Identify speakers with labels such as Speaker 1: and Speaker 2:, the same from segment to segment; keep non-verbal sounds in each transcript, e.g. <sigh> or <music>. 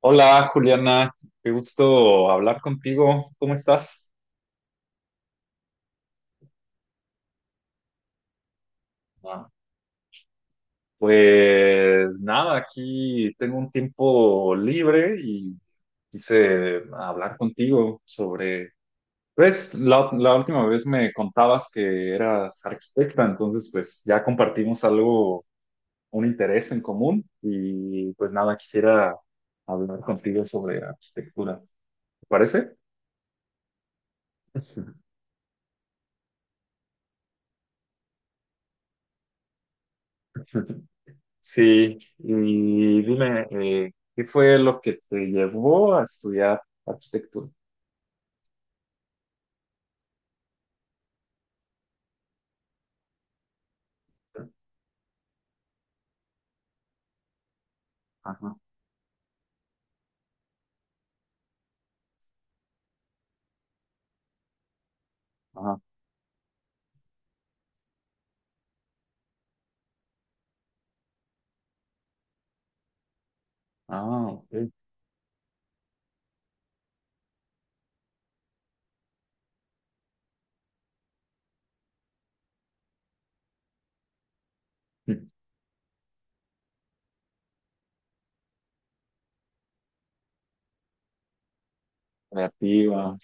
Speaker 1: Hola Juliana, qué gusto hablar contigo. ¿Cómo estás? Ah, Pues nada, aquí tengo un tiempo libre y quise hablar contigo sobre, pues la última vez me contabas que eras arquitecta, entonces pues ya compartimos algo, un interés en común y pues nada, quisiera hablar contigo sobre arquitectura. ¿Te parece? <laughs> Sí, y dime, ¿qué fue lo que te llevó a estudiar arquitectura? Ajá, ajá, ah, ok. Mm. Creativa, ajá.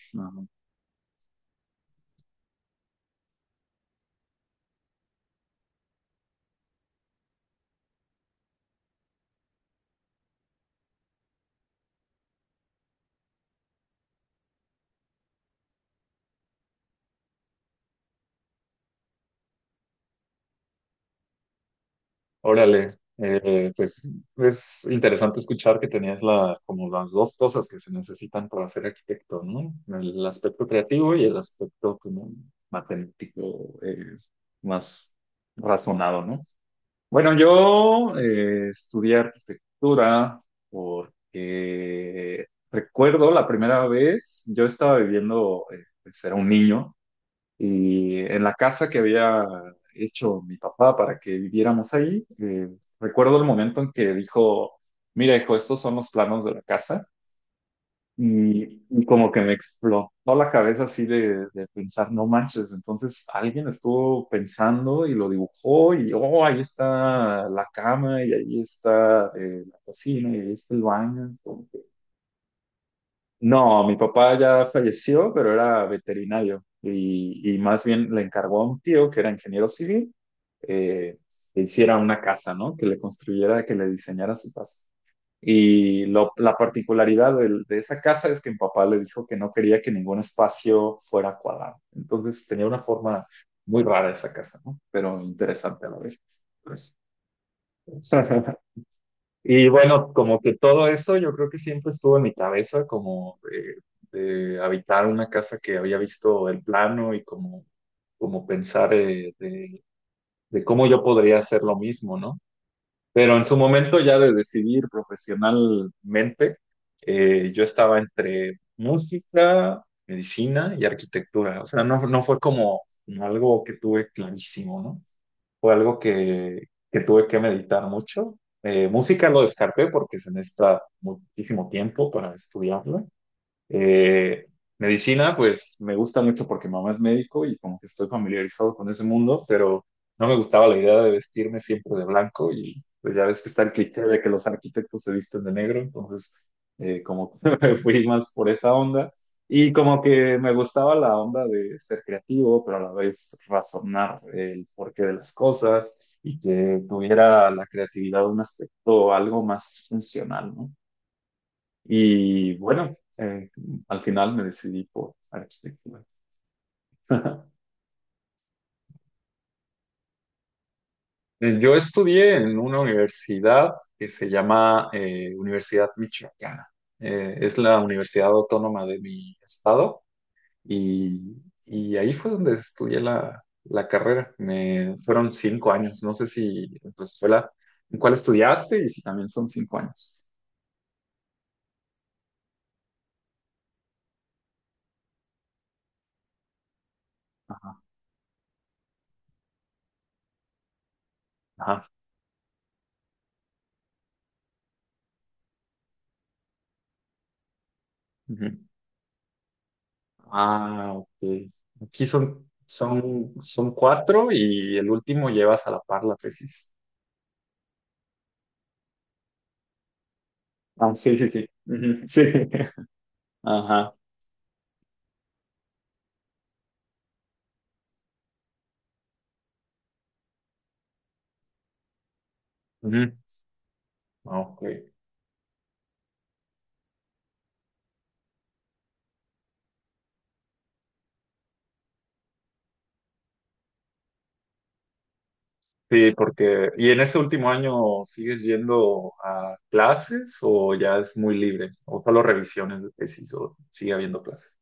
Speaker 1: Órale, pues es interesante escuchar que tenías la, como las dos cosas que se necesitan para ser arquitecto, ¿no? El aspecto creativo y el aspecto como matemático, más razonado, ¿no? Bueno, yo estudié arquitectura porque recuerdo la primera vez, yo estaba viviendo, pues era un niño, y en la casa que había hecho mi papá para que viviéramos ahí, recuerdo el momento en que dijo, mira, hijo, estos son los planos de la casa. Y como que me explotó la cabeza así de pensar, no manches, entonces alguien estuvo pensando y lo dibujó y, oh, ahí está la cama y ahí está la cocina y ahí está el baño. No, mi papá ya falleció, pero era veterinario y más bien le encargó a un tío que era ingeniero civil eh, que hiciera una casa, ¿no? Que le construyera, que le diseñara su casa. Y lo- la particularidad del- de, esa casa es que mi papá le dijo que no quería que ningún espacio fuera cuadrado. Entonces tenía una forma muy rara esa casa, ¿no? Pero interesante a la vez. Pues, <laughs> y bueno, como que todo eso yo creo que siempre estuvo en mi cabeza, como de habitar una casa que había visto el plano y como, como pensar de cómo yo podría hacer lo mismo, ¿no? Pero en su momento ya de decidir profesionalmente, yo estaba entre música, medicina y arquitectura. O sea, no, no fue como como algo que tuve clarísimo, ¿no? Fue algo que tuve que meditar mucho. Música lo descarté porque se necesita muchísimo tiempo para estudiarla. Eh, Medicina, pues me gusta mucho porque mamá es médico y como que estoy familiarizado con ese mundo, pero no me gustaba la idea de vestirme siempre de blanco y pues ya ves que está el cliché de que los arquitectos se visten de negro, entonces como que <laughs> me fui más por esa onda y como que me gustaba la onda de ser creativo, pero a la vez razonar el porqué de las cosas y que tuviera la creatividad un aspecto algo más funcional, ¿no? Y bueno, al final me decidí por arquitectura. <laughs> Yo estudié en una universidad que se llama Universidad Michoacana. Es la universidad autónoma de mi estado y, y ahí fue donde estudié la carrera. Me, fueron 5 años. No sé si en tu escuela, en cuál estudiaste y si también son 5 años. Ajá. Ajá. Ujú. Ah, ok. Aquí son, son cuatro y el último llevas a la par la tesis. Ah, sí, sí, sí. Ujú, sí. <laughs> Ajá. Ujú. Ah, ok. Sí, porque, ¿y en este último año sigues yendo a clases o ya es muy libre? ¿O solo revisiones de tesis o sigue habiendo clases?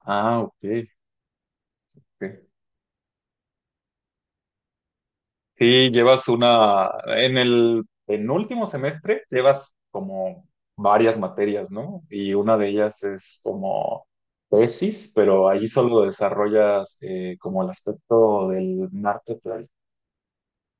Speaker 1: Ah, ok. Ok. Sí, llevas una, en el penúltimo semestre llevas como varias materias, ¿no? Y una de ellas es como tesis, pero ahí solo desarrollas como el aspecto del marketing.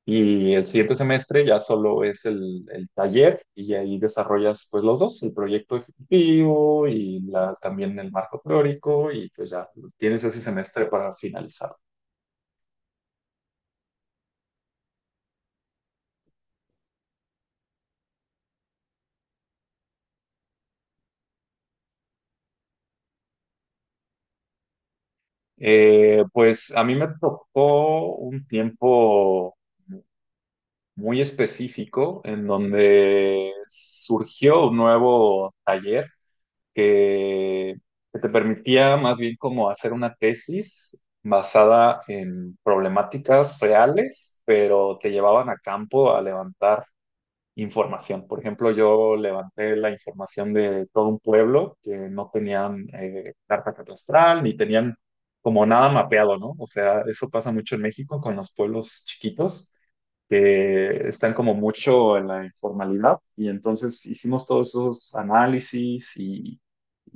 Speaker 1: Y el siguiente semestre ya solo es el taller y ahí desarrollas pues los dos, el proyecto ejecutivo y la, también el marco teórico y pues ya tienes ese semestre para finalizar. Pues a mí me tocó un tiempo muy específico en donde surgió un nuevo taller que, que te permitía más bien como hacer una tesis basada en problemáticas reales, pero te llevaban a campo a levantar información. Por ejemplo, yo levanté la información de todo un pueblo que no tenían carta catastral ni tenían como nada mapeado, ¿no? O sea, eso pasa mucho en México con los pueblos chiquitos que están como mucho en la informalidad y entonces hicimos todos esos análisis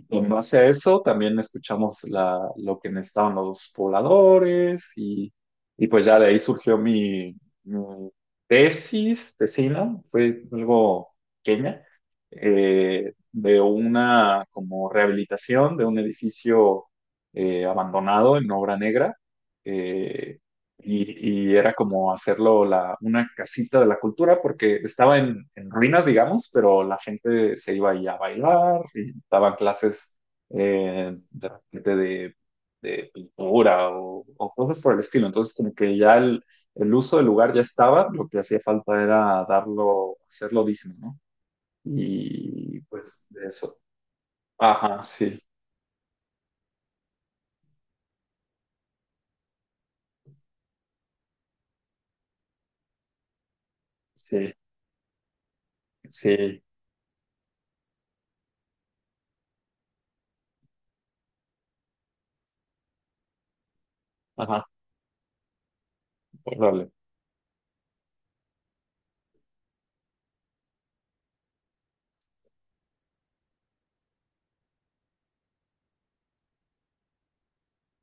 Speaker 1: y en base a eso también escuchamos la, lo que necesitaban los pobladores y pues ya de ahí surgió mi, mi tesis, tesina, fue algo pequeña, de una como rehabilitación de un edificio abandonado en Obra Negra. eh, y, y era como hacerlo la, una casita de la cultura porque estaba en ruinas, digamos, pero la gente se iba ahí a bailar y daban clases de repente de pintura o cosas por el estilo. Entonces, como que ya el uso del lugar ya estaba, lo que hacía falta era darlo, hacerlo digno, ¿no? Y pues de eso. Ajá, sí, sí, sí, ajá, órale.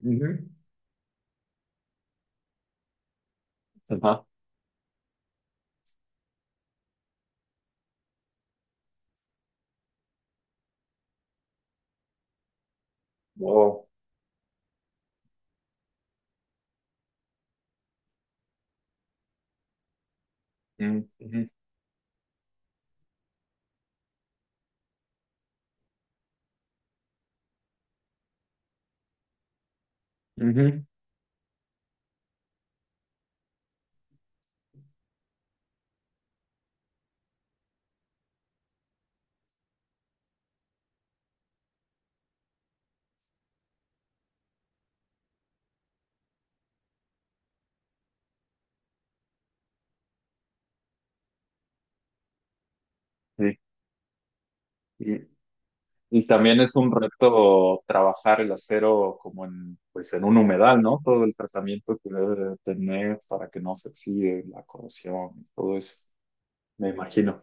Speaker 1: Ujú, ajá, wow. Ujú, sí. Y, y también es un reto trabajar el acero como en, pues en un humedal, ¿no? Todo el tratamiento que debe tener para que no se oxide la corrosión, todo eso, me imagino.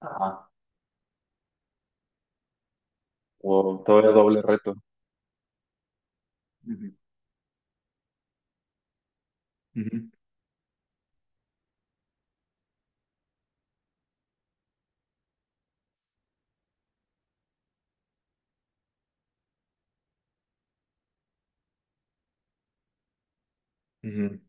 Speaker 1: Ajá. Wow, todavía doble reto. Ujú, ujú, ujú.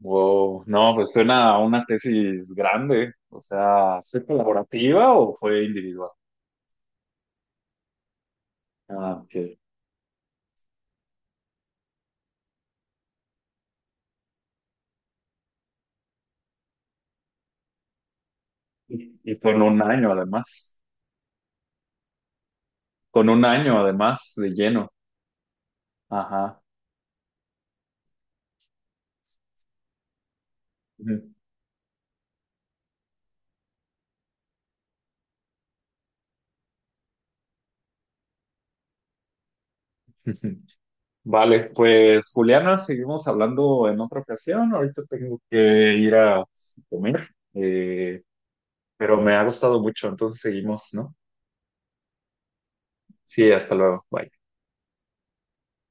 Speaker 1: Wow, no, pues suena a una tesis grande. O sea, ¿fue colaborativa o fue individual? Ah, ok. Y con un año además, con un año además de lleno. Ajá. <laughs> Vale, pues Juliana, seguimos hablando en otra ocasión. Ahorita tengo que ir a comer, pero me ha gustado mucho, entonces seguimos, ¿no? Sí, hasta luego. Bye.